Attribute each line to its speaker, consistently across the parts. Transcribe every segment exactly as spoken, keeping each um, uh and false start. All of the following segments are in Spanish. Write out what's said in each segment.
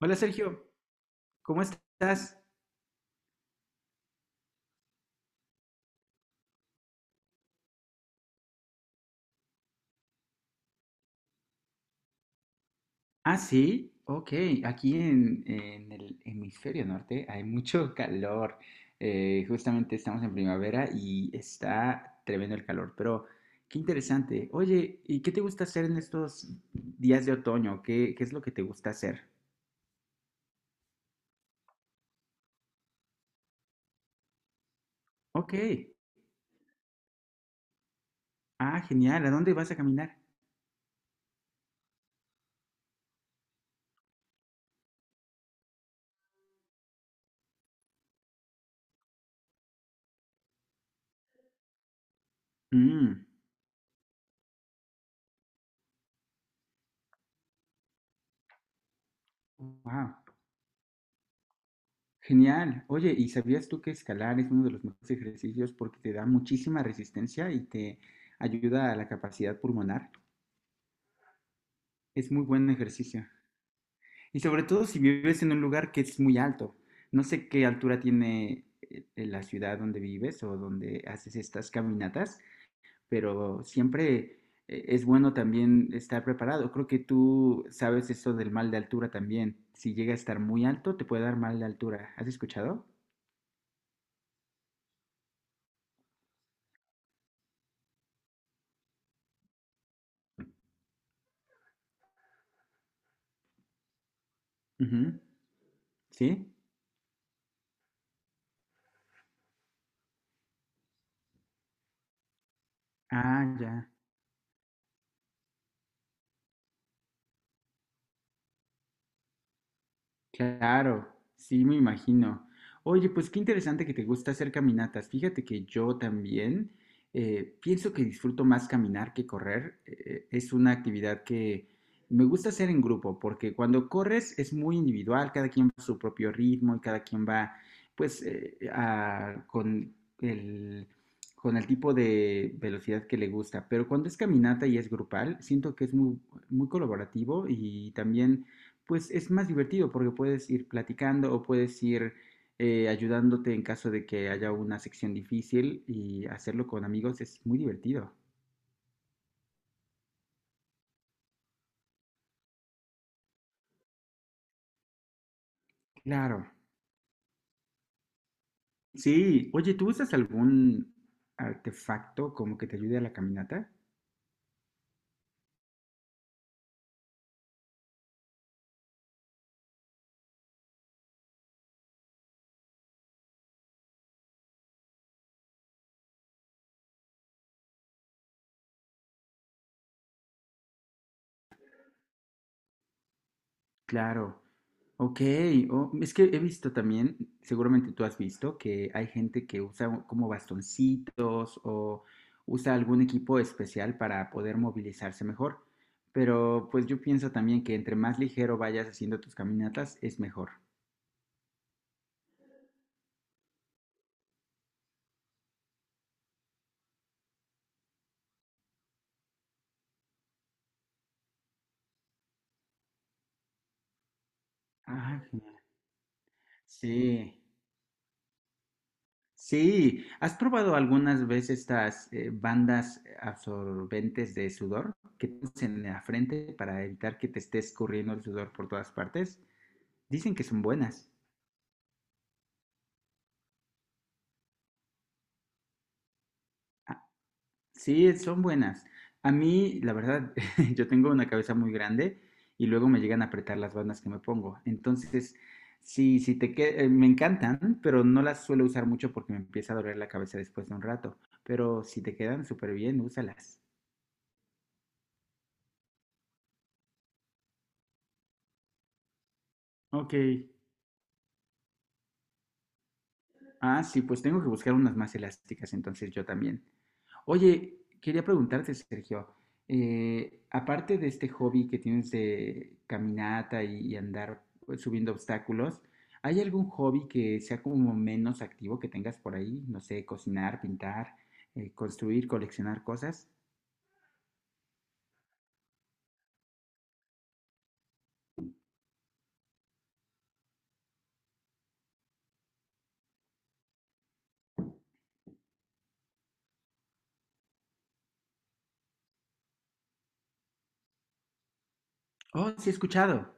Speaker 1: Hola Sergio, ¿cómo estás? Ah, sí, ok. Aquí en, en el hemisferio norte hay mucho calor. Eh, justamente estamos en primavera y está tremendo el calor, pero qué interesante. Oye, ¿y qué te gusta hacer en estos días de otoño? ¿Qué, qué es lo que te gusta hacer? Ok. Ah, genial. ¿A dónde vas a caminar? Mm, wow. Genial. Oye, ¿y sabías tú que escalar es uno de los mejores ejercicios porque te da muchísima resistencia y te ayuda a la capacidad pulmonar? Es muy buen ejercicio. Y sobre todo si vives en un lugar que es muy alto. No sé qué altura tiene eh, eh, la ciudad donde vives o donde haces estas caminatas, pero siempre eh, es bueno también estar preparado. Creo que tú sabes eso del mal de altura también. Si llega a estar muy alto, te puede dar mal de altura. ¿Has escuchado? Ujú. ¿Sí? Ah, ya, claro, sí, me imagino. Oye, pues qué interesante que te gusta hacer caminatas. Fíjate que yo también eh, pienso que disfruto más caminar que correr. Eh, es una actividad que me gusta hacer en grupo, porque cuando corres es muy individual, cada quien va a su propio ritmo y cada quien va, pues, eh, a- con el, con el tipo de velocidad que le gusta. Pero cuando es caminata y es grupal, siento que es muy, muy colaborativo y también pues es más divertido porque puedes ir platicando o puedes ir eh, ayudándote en caso de que haya una sección difícil y hacerlo con amigos es muy divertido. Claro. Sí. Oye, ¿tú usas algún artefacto como que te ayude a la caminata? Claro. Ok, oh, es que he visto también, seguramente tú has visto, que hay gente que usa u- como bastoncitos o usa algún equipo especial para poder movilizarse mejor. Pero pues yo pienso también que entre más ligero vayas haciendo tus caminatas es mejor. Ah, genial. Sí, sí. ¿Has probado algunas veces estas eh, bandas absorbentes de sudor que pones en la frente para evitar que te esté escurriendo el sudor por todas partes? Dicen que son buenas. Sí, son buenas. A mí, la verdad, yo tengo una cabeza muy grande y luego me llegan a apretar las bandas que me pongo. Entonces, sí, sí te que- eh, me encantan, pero no las suelo usar mucho porque me empieza a doler la cabeza después de un rato. Pero si te quedan súper bien, úsalas. Ok. Ah, sí, pues tengo que buscar unas más elásticas, entonces yo también. Oye, quería preguntarte, Sergio, eh, aparte de este hobby que tienes de caminata y, y andar pues, subiendo obstáculos, ¿hay algún hobby que sea como menos activo que tengas por ahí? No sé, cocinar, pintar, eh, construir, coleccionar cosas. Oh, sí, he escuchado.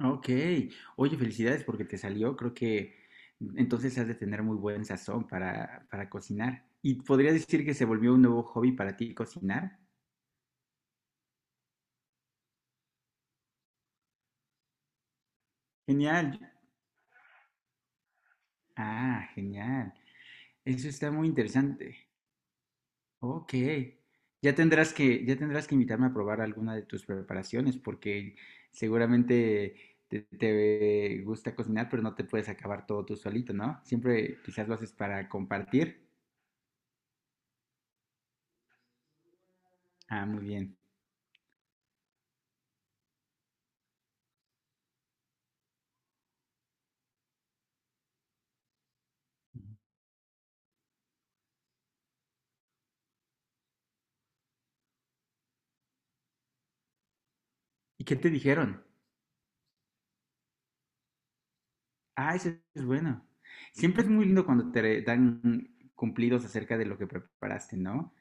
Speaker 1: Ok. Oye, felicidades porque te salió. Creo que entonces has de tener muy buen sazón para, para cocinar. ¿Y podrías decir que se volvió un nuevo hobby para ti cocinar? Genial. Ah, genial. Eso está muy interesante. Ok. Ya tendrás que, ya tendrás que invitarme a probar alguna de tus preparaciones, porque seguramente te, te gusta cocinar, pero no te puedes acabar todo tú solito, ¿no? Siempre quizás lo haces para compartir. Ah, muy bien. ¿Y qué te dijeron? Ah, ese es bueno. Siempre es muy lindo cuando te dan cumplidos acerca de lo que preparaste, ¿no?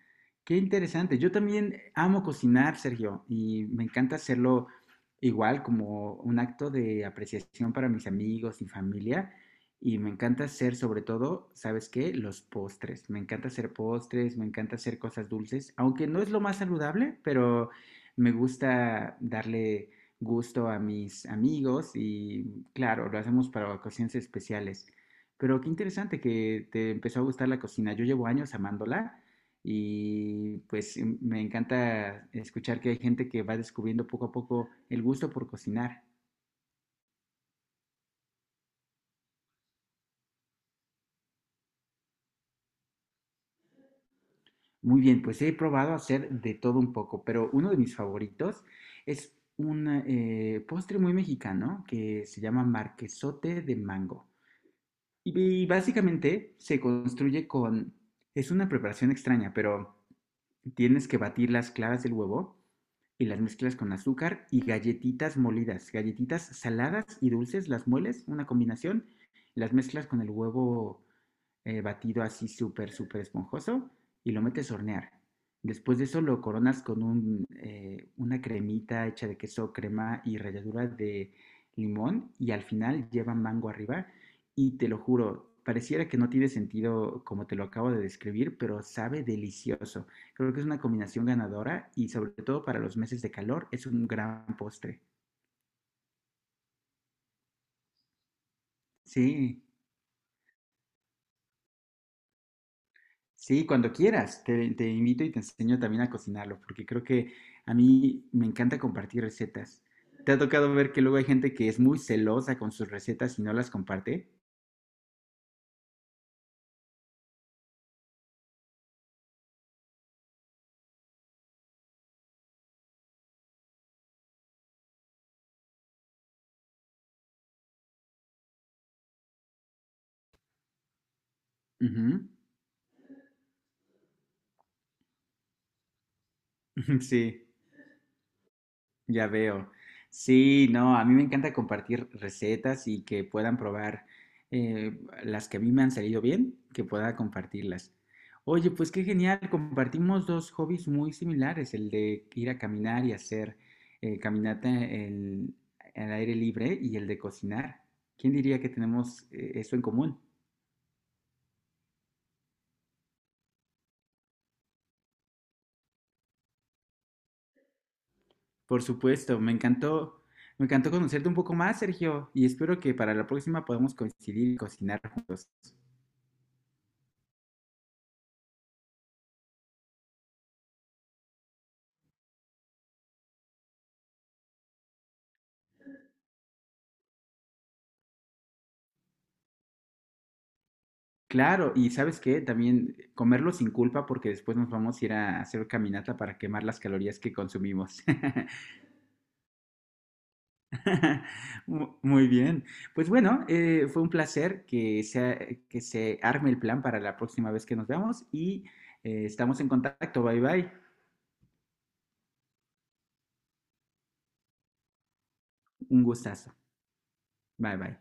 Speaker 1: Qué interesante. Yo también amo cocinar, Sergio, y me encanta hacerlo igual como un acto de apreciación para mis amigos y familia. Y me encanta hacer, sobre todo, ¿sabes qué? Los postres. Me encanta hacer postres, me encanta hacer cosas dulces, aunque no es lo más saludable, pero me gusta darle gusto a mis amigos y claro, lo hacemos para ocasiones especiales. Pero qué interesante que te empezó a gustar la cocina. Yo llevo años amándola y pues em, me encanta escuchar que hay gente que va descubriendo poco a poco el gusto por cocinar. Muy bien, pues he probado hacer de todo un poco, pero uno de mis favoritos es un eh, postre muy mexicano que se llama marquesote de mango. Y básicamente se construye con, es una preparación extraña, pero tienes que batir las claras del huevo y las mezclas con azúcar y galletitas molidas, galletitas saladas y dulces, las mueles, una combinación, las mezclas con el huevo eh, batido así súper, súper esponjoso y lo metes a hornear. Después de eso lo coronas con un, eh, una cremita hecha de queso, crema y ralladura de limón y al final lleva mango arriba y te lo juro, pareciera que no tiene sentido como te lo acabo de describir, pero sabe delicioso. Creo que es una combinación ganadora y sobre todo para los meses de calor es un gran postre. Sí. Sí, cuando quieras, te, te invito y te enseño también a cocinarlo, porque creo que a mí me encanta compartir recetas. ¿Te ha tocado ver que luego hay gente que es muy celosa con sus recetas y no las comparte? Ujú, sí. Ya veo. Sí, no, a mí me encanta compartir recetas y que puedan probar eh, las que a mí me han salido bien, que pueda compartirlas. Oye, pues qué genial, compartimos dos hobbies muy similares, el de ir a caminar y hacer eh, caminata en- al aire libre y el de cocinar. ¿Quién diría que tenemos eh, eso en común? Por supuesto, me encantó, me encantó conocerte un poco más, Sergio, y espero que para la próxima podamos coincidir y cocinar juntos. Claro, y ¿sabes qué? También eh, comerlo sin culpa porque después nos vamos a ir a hacer caminata para quemar las calorías que consumimos. Mu- Muy bien. Pues bueno, eh, fue un placer que sea, que se arme el plan para la próxima vez que nos veamos y eh, estamos en contacto. Bye bye. Un gustazo. Bye bye.